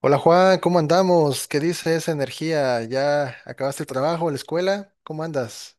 Hola Juan, ¿cómo andamos? ¿Qué dice esa energía? ¿Ya acabaste el trabajo, la escuela? ¿Cómo andas?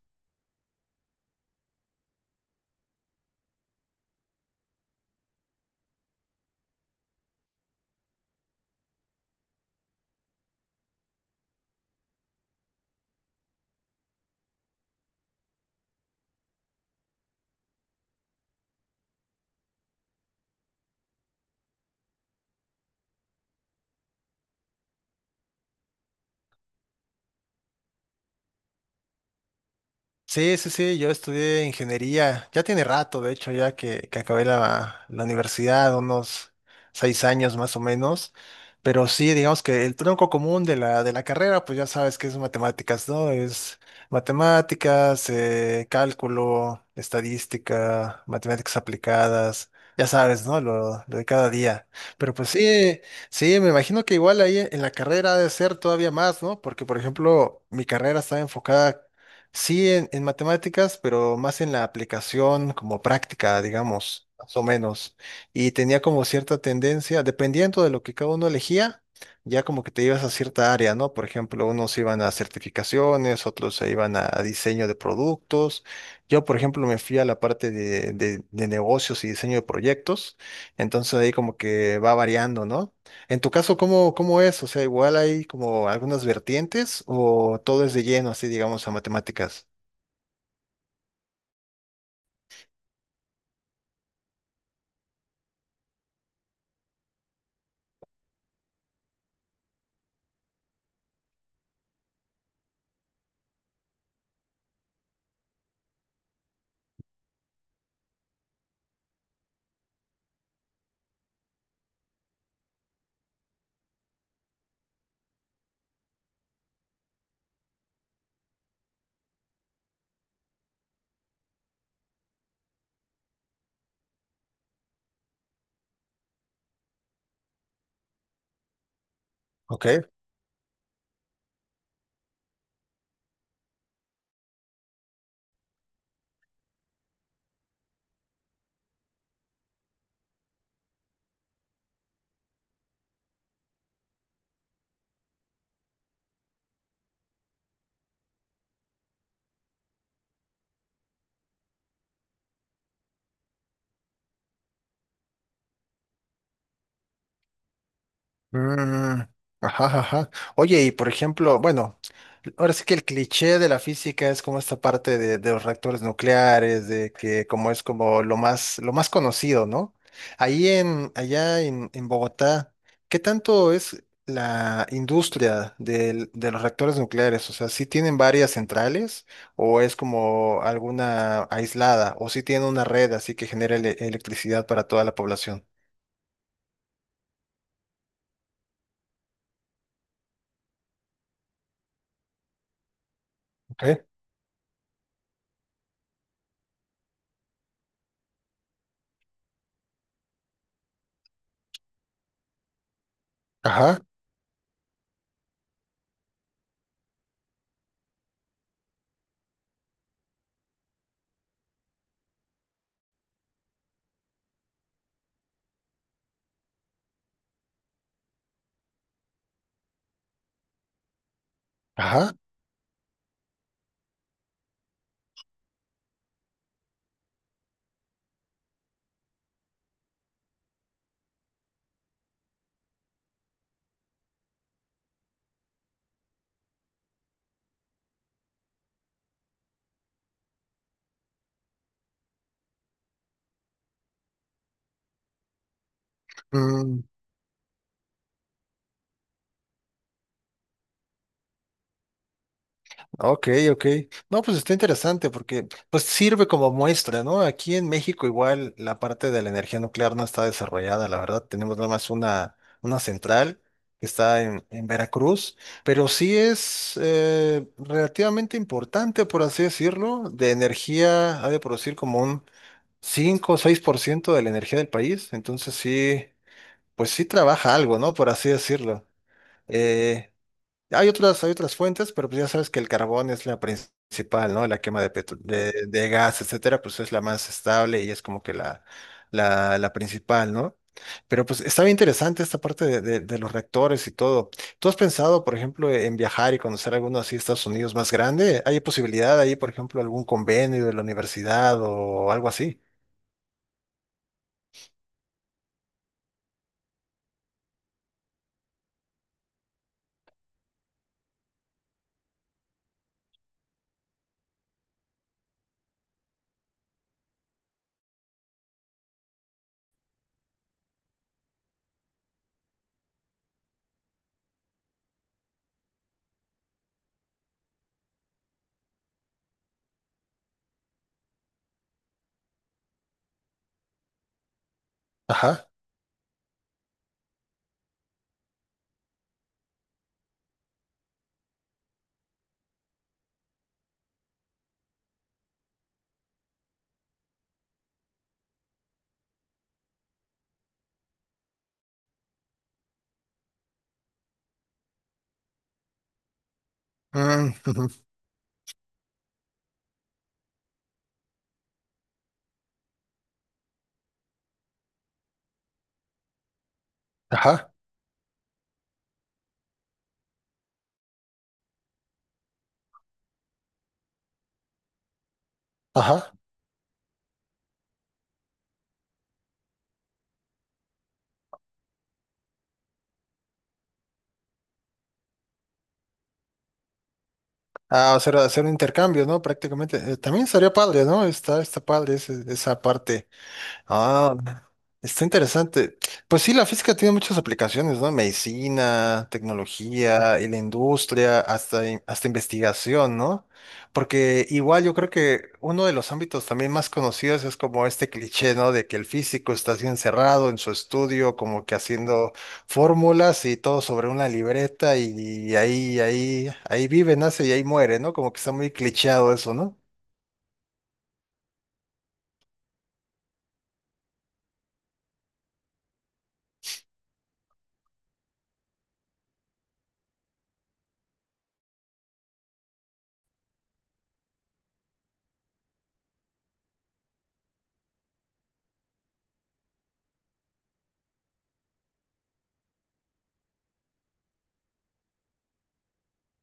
Sí, sí, sí, yo estudié ingeniería, ya tiene rato, de hecho, ya que acabé la universidad, unos 6 años más o menos, pero sí, digamos que el tronco común de la carrera, pues ya sabes que es matemáticas, ¿no? Es matemáticas, cálculo, estadística, matemáticas aplicadas, ya sabes, ¿no? Lo de cada día. Pero pues sí, sí, me imagino que igual ahí en la carrera ha de ser todavía más, ¿no? Porque, por ejemplo, mi carrera está enfocada sí, en matemáticas, pero más en la aplicación como práctica, digamos, más o menos. Y tenía como cierta tendencia, dependiendo de lo que cada uno elegía, ya como que te ibas a cierta área, ¿no? Por ejemplo, unos iban a certificaciones, otros se iban a diseño de productos. Yo, por ejemplo, me fui a la parte de negocios y diseño de proyectos. Entonces ahí como que va variando, ¿no? En tu caso, cómo es? O sea, igual hay como algunas vertientes o todo es de lleno, así digamos, a matemáticas. Ok. Mm, ajá, ajá. Oye, y por ejemplo, bueno, ahora sí que el cliché de la física es como esta parte de los reactores nucleares, de que como es como lo más conocido, ¿no? Ahí en, allá en Bogotá, ¿qué tanto es la industria de los reactores nucleares? O sea, ¿sí tienen varias centrales o es como alguna aislada o si tienen una red así que genera electricidad para toda la población? Ok. Ajá, ajá. Mm. Ok, ok. No, pues está interesante porque pues sirve como muestra, ¿no? Aquí en México igual la parte de la energía nuclear no está desarrollada, la verdad. Tenemos nada más una central que está en Veracruz, pero sí es relativamente importante, por así decirlo, de energía, ha de producir como un 5 o 6% de la energía del país. Entonces sí, pues sí trabaja algo, ¿no? Por así decirlo. Eh, hay otras fuentes, pero pues ya sabes que el carbón es la principal, ¿no? La quema de, de gas, etcétera, pues es la más estable y es como que la, la principal, ¿no? Pero pues está bien interesante esta parte de, de los reactores y todo. ¿Tú has pensado, por ejemplo, en viajar y conocer alguno así de Estados Unidos más grande? ¿Hay posibilidad ahí, por ejemplo, algún convenio de la universidad o algo así? Ajá. Mm, ujú. Ajá. Ajá. Ah, hacer, hacer un intercambio, ¿no? Prácticamente. También estaría padre, ¿no? Está, está padre esa parte. Ah, está interesante. Pues sí, la física tiene muchas aplicaciones, ¿no? Medicina, tecnología, y la industria, hasta, hasta investigación, ¿no? Porque igual yo creo que uno de los ámbitos también más conocidos es como este cliché, ¿no? De que el físico está así encerrado en su estudio, como que haciendo fórmulas y todo sobre una libreta y, ahí, ahí vive, nace y ahí muere, ¿no? Como que está muy clichéado eso, ¿no?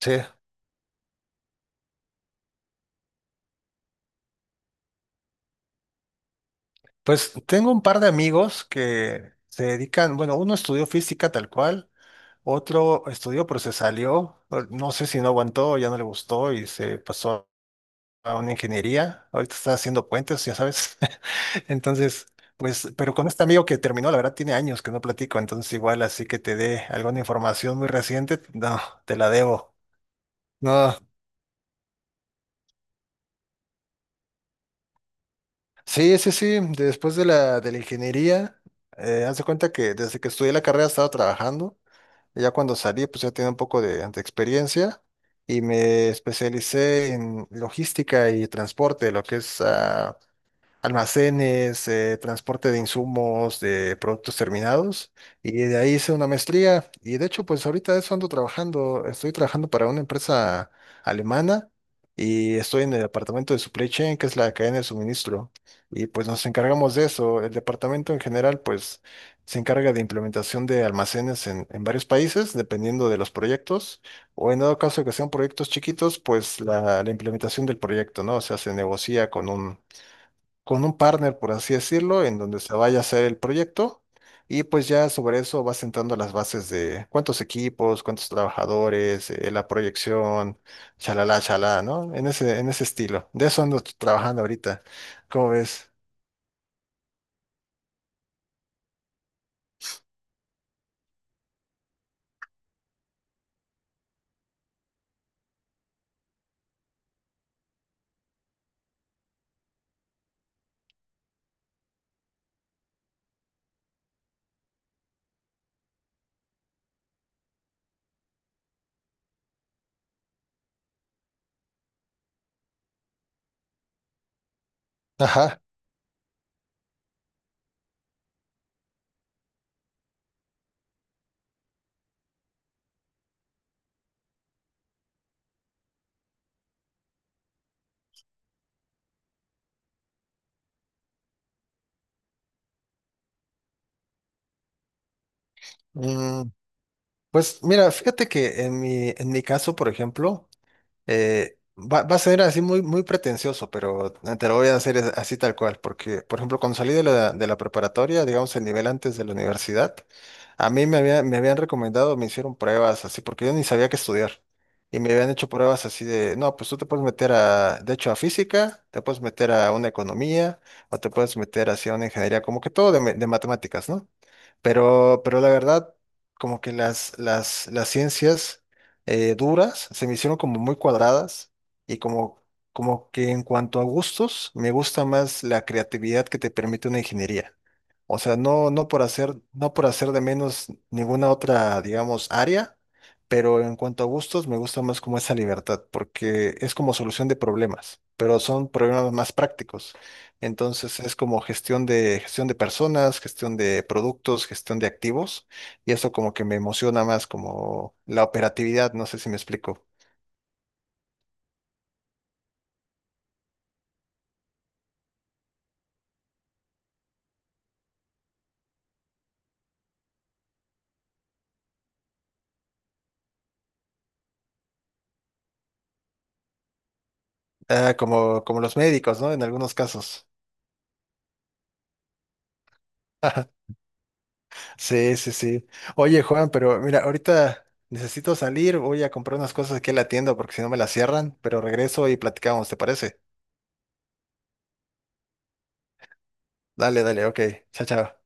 Sí. Pues tengo un par de amigos que se dedican, bueno, uno estudió física tal cual, otro estudió pero se salió, no sé si no aguantó, ya no le gustó y se pasó a una ingeniería, ahorita está haciendo puentes, ya sabes. Entonces, pues, pero con este amigo que terminó, la verdad tiene años que no platico, entonces igual así que te dé alguna información muy reciente, no, te la debo. No, sí, sí, sí, después de la ingeniería, haz de cuenta que desde que estudié la carrera he estado trabajando. Ya cuando salí, pues ya tenía un poco de experiencia y me especialicé en logística y transporte, lo que es ah, almacenes, transporte de insumos, de productos terminados, y de ahí hice una maestría. Y de hecho, pues ahorita eso ando trabajando, estoy trabajando para una empresa alemana y estoy en el departamento de supply chain, que es la cadena de suministro, y pues nos encargamos de eso. El departamento en general, pues se encarga de implementación de almacenes en varios países, dependiendo de los proyectos, o en dado caso que sean proyectos chiquitos, pues la implementación del proyecto, ¿no? O sea, se negocia con un partner, por así decirlo, en donde se vaya a hacer el proyecto y pues ya sobre eso vas sentando las bases de cuántos equipos, cuántos trabajadores, la proyección, chalala, chalá, ¿no? En ese estilo. De eso ando trabajando ahorita. ¿Cómo ves? Ajá. Mm, pues mira, fíjate que en mi caso, por ejemplo, eh, va, va a ser así muy, muy pretencioso, pero te lo voy a hacer así tal cual, porque, por ejemplo, cuando salí de la preparatoria, digamos el nivel antes de la universidad, a mí me habían recomendado, me hicieron pruebas así, porque yo ni sabía qué estudiar. Y me habían hecho pruebas así de, no, pues tú te puedes meter a, de hecho, a física, te puedes meter a una economía, o te puedes meter así a una ingeniería, como que todo de, de matemáticas, ¿no? Pero la verdad, como que las ciencias duras, se me hicieron como muy cuadradas y como, como que en cuanto a gustos, me gusta más la creatividad que te permite una ingeniería. O sea, no, no por hacer, no por hacer de menos ninguna otra, digamos, área, pero en cuanto a gustos, me gusta más como esa libertad, porque es como solución de problemas, pero son problemas más prácticos. Entonces es como gestión de personas, gestión de productos, gestión de activos, y eso como que me emociona más, como la operatividad, no sé si me explico. Ah, como, como los médicos, ¿no? En algunos casos. Sí, sí, sí. Oye, Juan, pero mira, ahorita necesito salir, voy a comprar unas cosas aquí en la tienda porque si no me las cierran, pero regreso y platicamos, ¿te parece? Dale, dale, ok. Chao, chao.